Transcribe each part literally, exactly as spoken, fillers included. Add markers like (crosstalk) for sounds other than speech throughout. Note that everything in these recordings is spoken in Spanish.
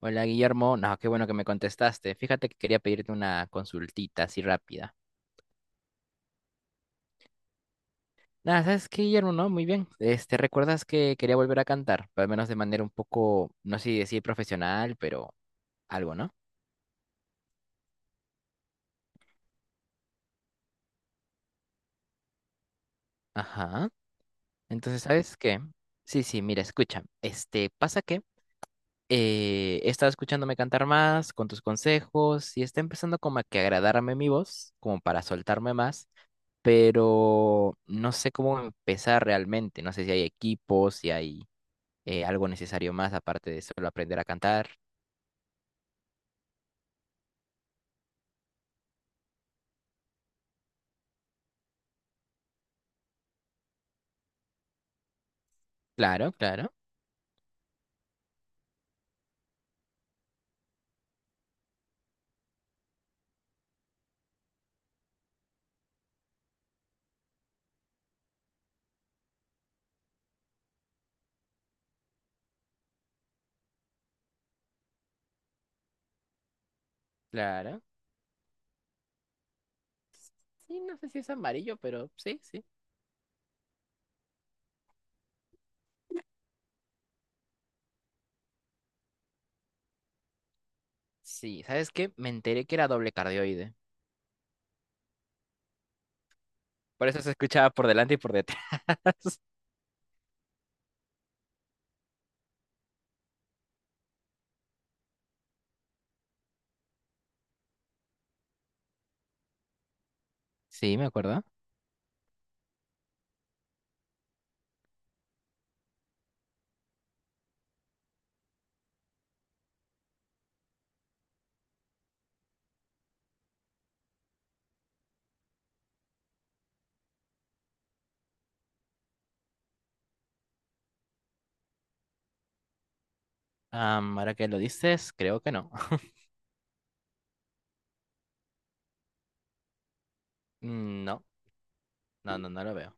Hola Guillermo, no, qué bueno que me contestaste. Fíjate que quería pedirte una consultita así rápida. Nada, ¿sabes qué, Guillermo? No, muy bien. Este, ¿recuerdas que quería volver a cantar? Pero al menos de manera un poco, no sé si decir profesional, pero algo, ¿no? Ajá. Entonces, ¿sabes qué? Sí, sí, mira, escucha. Este, pasa que eh, he estado escuchándome cantar más con tus consejos y está empezando como a que agradarme mi voz, como para soltarme más, pero no sé cómo empezar realmente. No sé si hay equipos, si hay eh, algo necesario más aparte de solo aprender a cantar. Claro, claro, claro. Sí, no sé si es amarillo, pero sí, sí. Sí, ¿sabes qué? Me enteré que era doble cardioide. Por eso se escuchaba por delante y por detrás. (laughs) Sí, me acuerdo. Am, ahora que lo dices, creo que no. (laughs) Mm, no, no, no, no lo veo.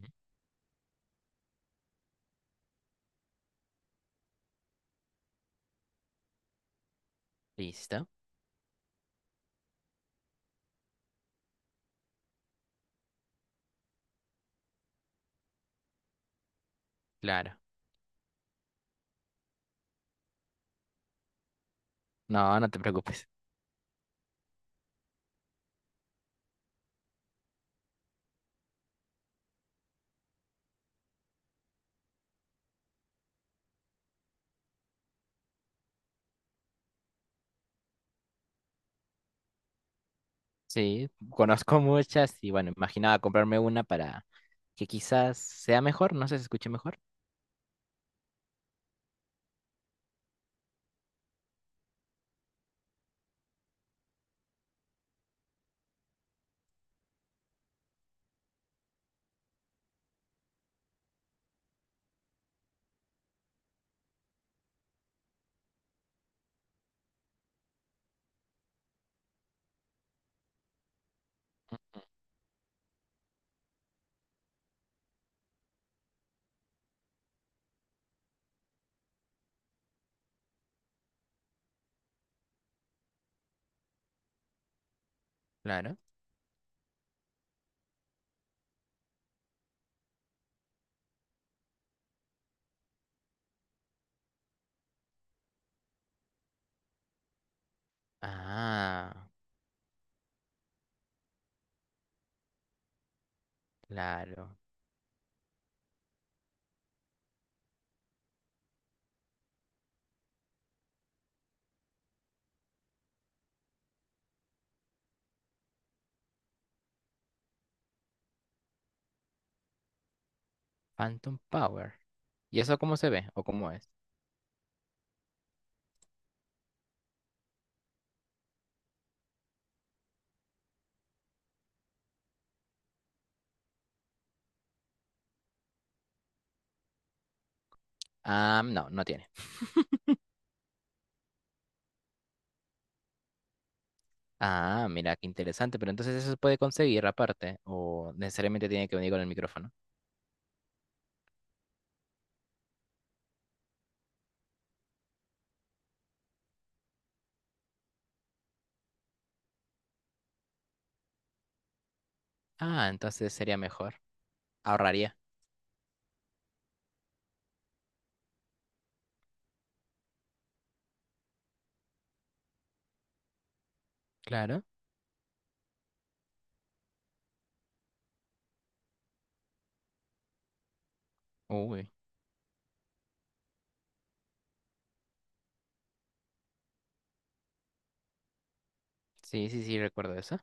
Ujú. Listo, claro. No, no te preocupes. Sí, conozco muchas y bueno, imaginaba comprarme una para que quizás sea mejor, no sé, si se escuche mejor. Claro. Ah, claro. Phantom Power. ¿Y eso cómo se ve o cómo es? Ah, no, no tiene. Ah, mira, qué interesante. Pero entonces eso se puede conseguir aparte o necesariamente tiene que venir con el micrófono. Ah, entonces sería mejor. Ahorraría. Claro. Uy. Sí, sí, sí, recuerdo eso.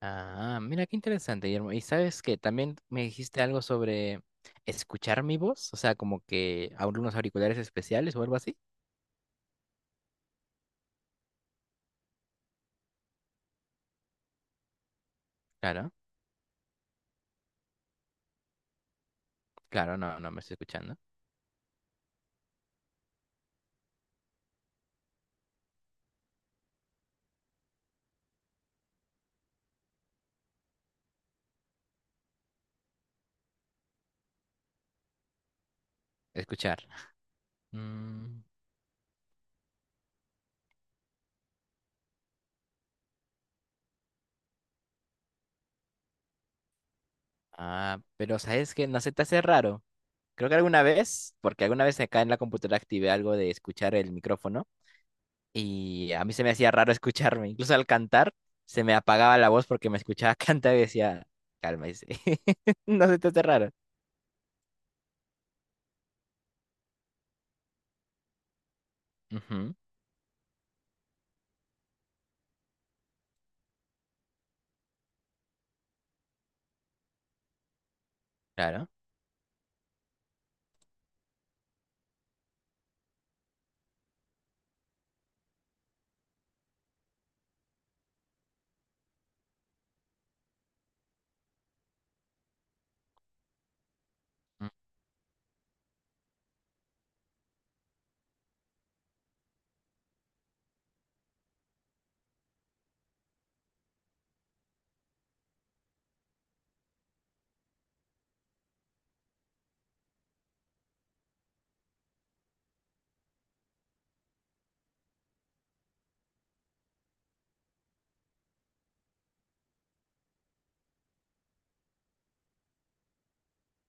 Ah, mira, qué interesante, Guillermo. Y sabes que también me dijiste algo sobre escuchar mi voz, o sea, como que a unos auriculares especiales o algo así. Claro, claro, no, no me estoy escuchando. Escuchar. Mm. Ah, pero ¿sabes que no se te hace raro? Creo que alguna vez, porque alguna vez acá en la computadora activé algo de escuchar el micrófono y a mí se me hacía raro (laughs) escucharme. Incluso al cantar se me apagaba la voz porque me escuchaba (laughs) cantar y decía, cálmese. (laughs) No se te hace raro. Ujú, claro, mm,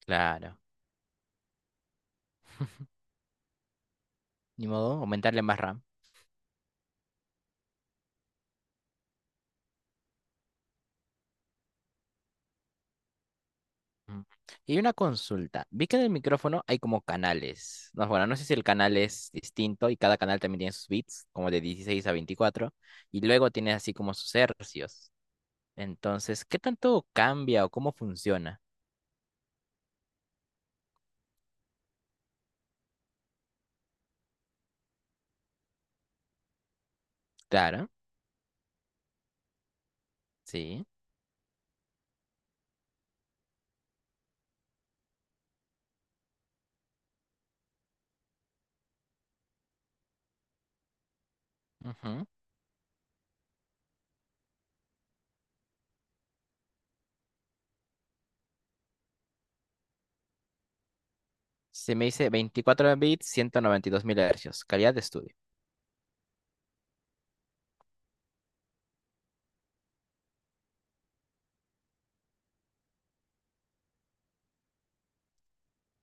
claro. Ni modo, aumentarle más RAM. Mm. Y una consulta. Vi que en el micrófono hay como canales. No, bueno, no sé si el canal es distinto y cada canal también tiene sus bits, como de dieciséis a veinticuatro y luego tiene así como sus hercios. Entonces, ¿qué tanto cambia o cómo funciona? Claro, sí. Ujú. Se me dice veinticuatro bits, ciento noventa y dos mil hercios, calidad de estudio.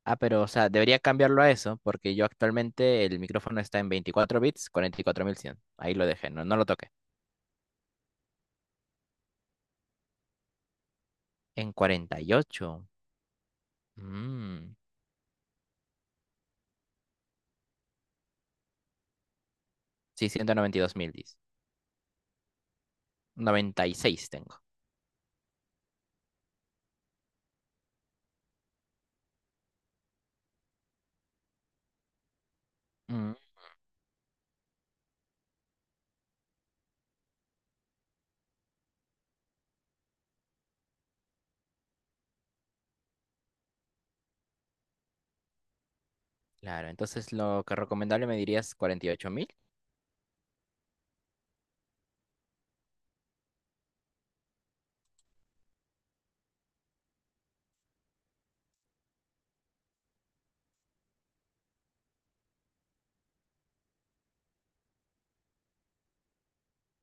Ah, pero, o sea, debería cambiarlo a eso, porque yo actualmente el micrófono está en veinticuatro bits, cuarenta y cuatro mil cien. Ahí lo dejé, no, no lo toqué. En cuarenta y ocho. Sí, ciento noventa y dos mil, dice. Noventa y seis tengo. Mm, claro, entonces lo que recomendable me dirías cuarenta y ocho mil.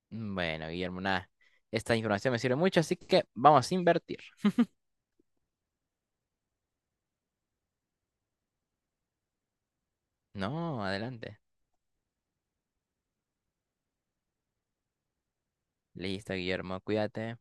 Mm, bueno, Guillermo, nada. Esta información me sirve mucho, así que vamos a invertir. No, adelante. Listo, Guillermo, cuídate.